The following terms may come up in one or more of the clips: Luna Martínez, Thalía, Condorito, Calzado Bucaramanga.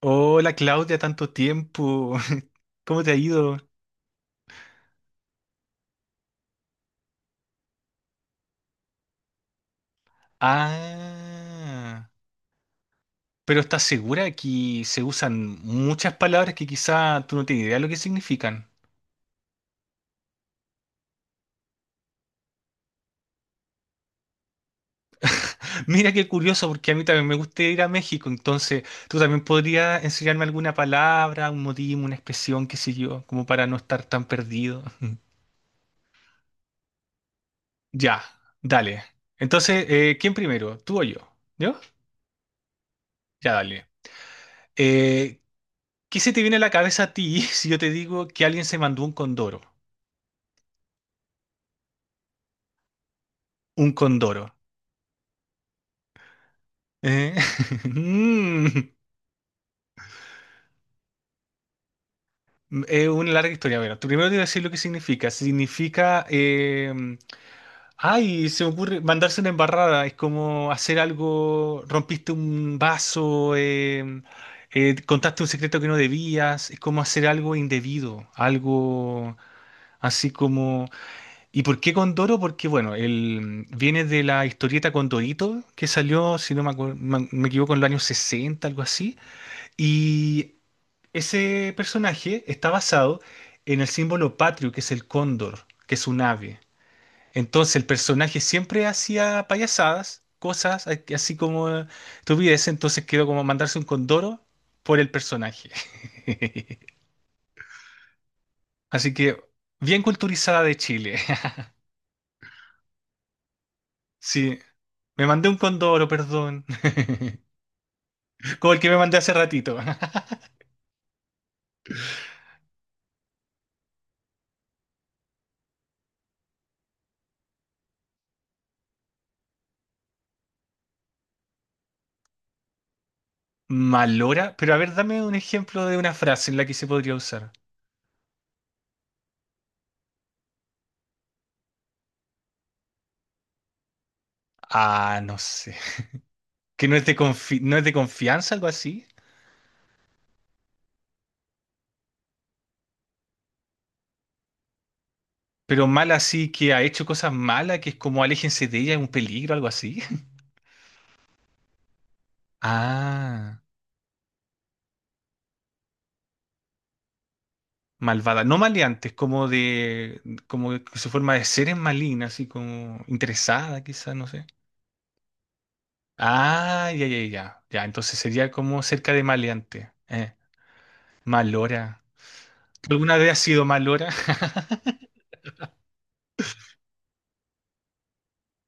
Hola Claudia, tanto tiempo. ¿Cómo te ha ido? Ah, pero ¿estás segura que se usan muchas palabras que quizá tú no tienes idea de lo que significan? Mira qué curioso, porque a mí también me gusta ir a México, entonces tú también podrías enseñarme alguna palabra, un modismo, una expresión, qué sé yo, como para no estar tan perdido. Ya, dale. Entonces, ¿quién primero? ¿Tú o yo? ¿Yo? Ya, dale. Eh, ¿Qué se te viene a la cabeza a ti si yo te digo que alguien se mandó un condoro? Un condoro. Eh, mm, es una larga historia. Bueno, tú primero te voy a decir lo que significa. Significa, ay, se me ocurre mandarse una embarrada. Es como hacer algo. Rompiste un vaso. Contaste un secreto que no debías. Es como hacer algo indebido. Algo así como. ¿Y por qué Condoro? Porque, bueno, él viene de la historieta Condorito que salió, si no me, me equivoco, en los años 60, algo así. Y ese personaje está basado en el símbolo patrio, que es el cóndor, que es un ave. Entonces el personaje siempre hacía payasadas, cosas así como tuviese, entonces quedó como mandarse un condoro por el personaje. Así que bien culturizada de Chile. Sí, me mandé un condoro, perdón. Como el que me mandé hace ratito. Malora, pero a ver, dame un ejemplo de una frase en la que se podría usar. Ah, no sé, que no es de confianza, algo así. Pero mala así que ha hecho cosas malas, que es como aléjense de ella, es un peligro, algo así. Ah, malvada. No, maleante, es como de, como que su forma de ser es maligna, así como interesada, quizás, no sé. Ah, ya, ya, ya. Ya, entonces sería como cerca de maleante. Malora. ¿Alguna vez ha sido malora?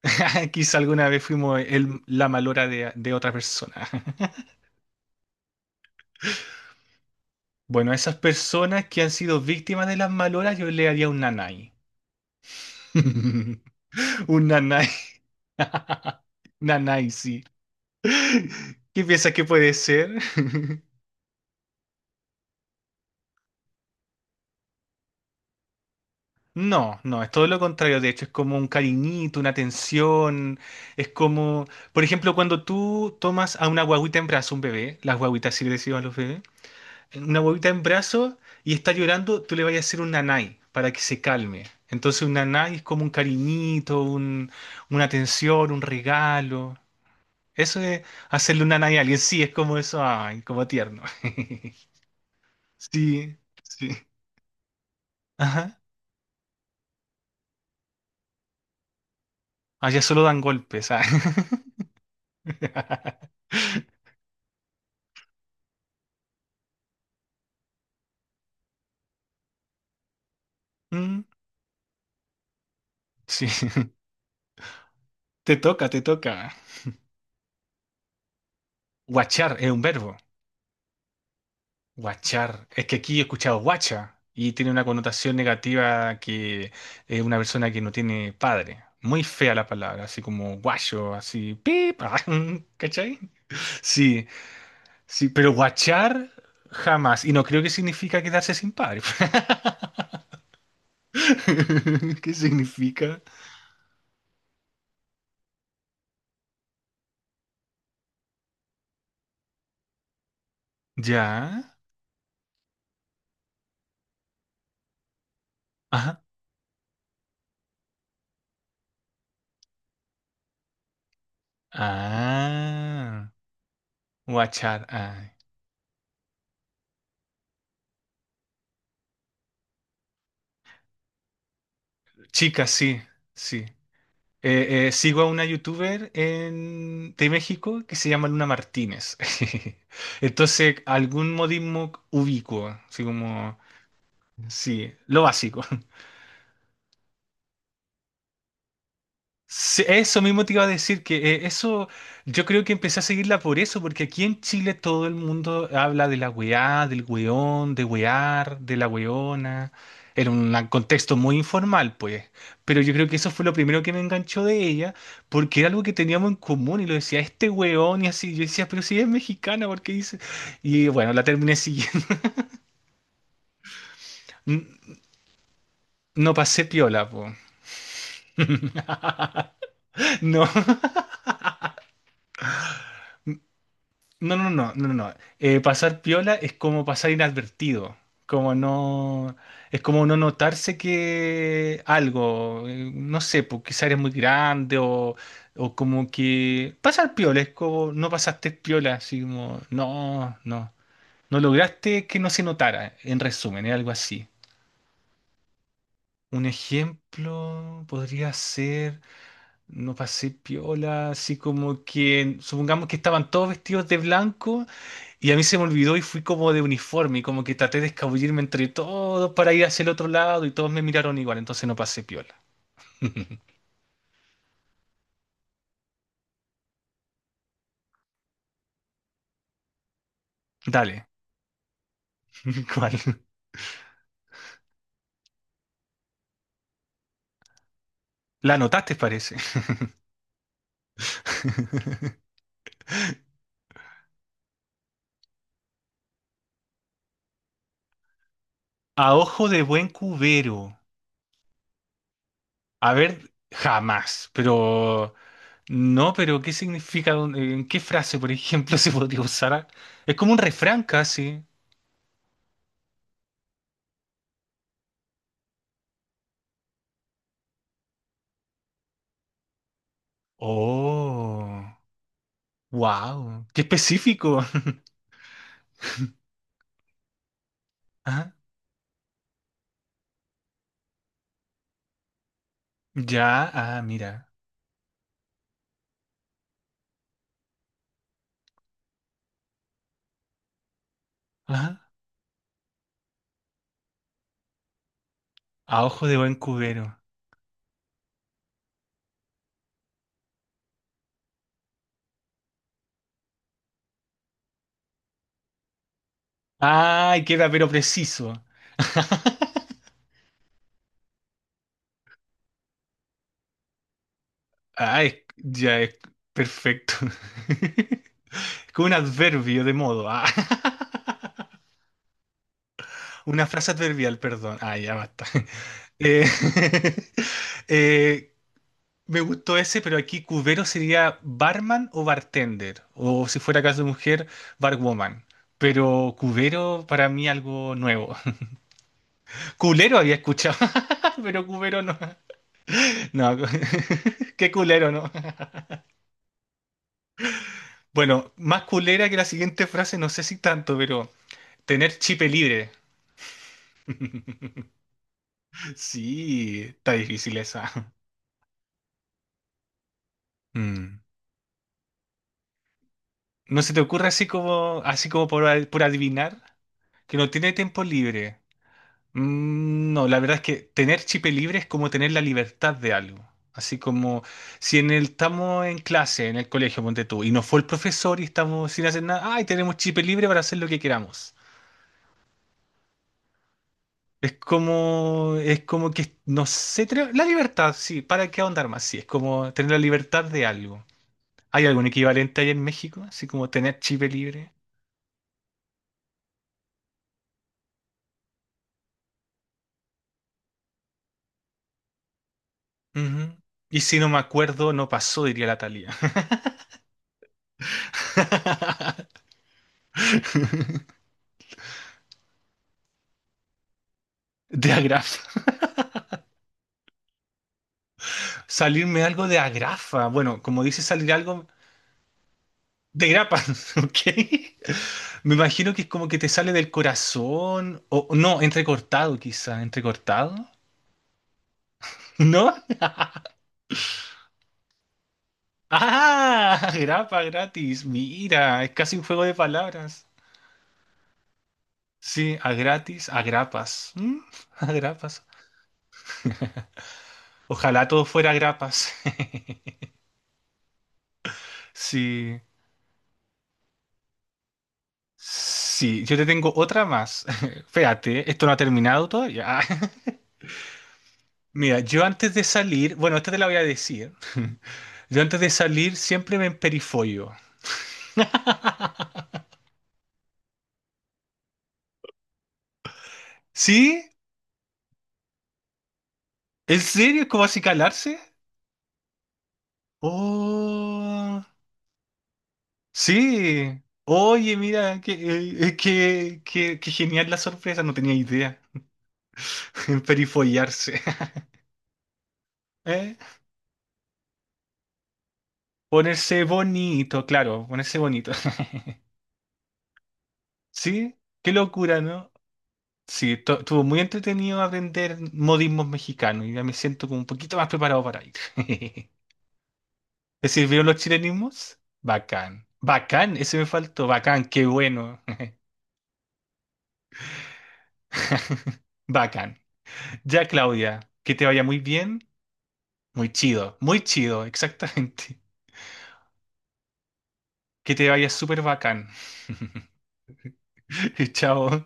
Quizá alguna vez fuimos la malora de otra persona. Bueno, a esas personas que han sido víctimas de las maloras, yo le haría un nanay. Un nanay. Nanay, sí. ¿Qué piensas que puede ser? No, no, es todo lo contrario. De hecho, es como un cariñito, una atención. Es como, por ejemplo, cuando tú tomas a una guaguita en brazo, un bebé, las guaguitas sí le decimos a los bebés, una huevita en brazos y está llorando, tú le vayas a hacer un nanay para que se calme. Entonces un nanay es como un cariñito, una atención, un regalo. Eso de hacerle un nanay a alguien, sí, es como eso, ay, como tierno. Sí, sí. Ajá. Allá solo dan golpes, ah. Mm, sí. Te toca, te toca. Guachar es un verbo. Guachar. Es que aquí he escuchado guacha y tiene una connotación negativa, que es una persona que no tiene padre. Muy fea la palabra, así como guacho, así pip, ¿cachai? Sí, sí, pero guachar jamás. Y no creo que significa quedarse sin padre. ¿Qué significa? Ya. Ajá. Ah, guachar, ay. Chica, sí, sí. Sigo a una youtuber de México que se llama Luna Martínez. Entonces, algún modismo ubicuo, así como, sí, lo básico. Sí, eso mismo te iba a decir, que eso yo creo que empecé a seguirla por eso, porque aquí en Chile todo el mundo habla de la weá, del weón, de wear, de la weona, en un contexto muy informal, pues. Pero yo creo que eso fue lo primero que me enganchó de ella, porque era algo que teníamos en común y lo decía este weón y así. Yo decía, pero si ella es mexicana, ¿por qué dice? Y bueno, la terminé siguiendo. N- No pasé piola, pues. No. No, no, no, no, no, no. Pasar piola es como pasar inadvertido, como no, es como no notarse que algo, no sé, porque quizás eres muy grande o como que pasar piola es como no pasaste piola, así como no, no, no lograste que no se notara, en resumen, es algo así. Un ejemplo podría ser, no pasé piola, así como que supongamos que estaban todos vestidos de blanco y a mí se me olvidó y fui como de uniforme, y como que traté de escabullirme entre todos para ir hacia el otro lado y todos me miraron igual, entonces no pasé piola. Dale, ¿cuál? La notaste parece. A ojo de buen cubero. A ver, jamás, pero no, pero ¿qué significa? ¿En qué frase, por ejemplo, se podría usar? Es como un refrán casi. Oh, wow, qué específico. Ah, ya, ah, mira. A ojo de buen cubero. Ay, queda pero preciso. Ay, ya es perfecto. Con un adverbio de modo. Ah. Una frase adverbial, perdón. Ah, ya basta. Eh, eh, me gustó ese, pero aquí cubero sería barman o bartender. O si fuera caso de mujer, barwoman. Pero cubero para mí algo nuevo. Culero había escuchado, pero cubero no. No, qué culero, ¿no? Bueno, más culera que la siguiente frase, no sé si tanto, pero tener chip libre. Sí, está difícil esa. Mm. ¿No se te ocurre así como por, por adivinar que no tiene tiempo libre? Mm, no, la verdad es que tener chip libre es como tener la libertad de algo. Así como si en el, estamos en clase, en el colegio, ponte tú, y no fue el profesor y estamos sin hacer nada, ay, tenemos chip libre para hacer lo que queramos. Es como que, no sé, la libertad, sí, ¿para qué ahondar más? Sí, es como tener la libertad de algo. ¿Hay algún equivalente ahí en México? Así como tener chip libre. Ujú. Y si no me acuerdo, no pasó, diría la Thalía. De agrafa. Salirme algo de agrafa. Bueno, como dice salir algo de grapa, ¿ok? Me imagino que es como que te sale del corazón, o no, entrecortado quizá, entrecortado, ¿no? Ah, grapa gratis. Mira, es casi un juego de palabras. Sí, a gratis, a grapas. ¿Mm? A grapas. Ojalá todo fuera grapas. Sí, sí, yo te tengo otra más. Espérate, esto no ha terminado todavía. Mira, yo antes de salir, bueno, esta te la voy a decir. Yo antes de salir siempre me emperifollo. ¿Sí? ¿En serio? ¿Es como así calarse? Oh. Sí, oye, mira, que, que genial la sorpresa, no tenía idea. Perifollarse, ¿eh? Ponerse bonito, claro, ponerse bonito. Sí, qué locura, ¿no? Sí, estuvo muy entretenido aprender modismos mexicanos y ya me siento como un poquito más preparado para ir. ¿Te sirvieron los chilenismos? Bacán, bacán, ese me faltó, bacán, qué bueno. Bacán. Ya, Claudia, que te vaya muy bien. Muy chido, exactamente. Que te vaya súper bacán. Chao.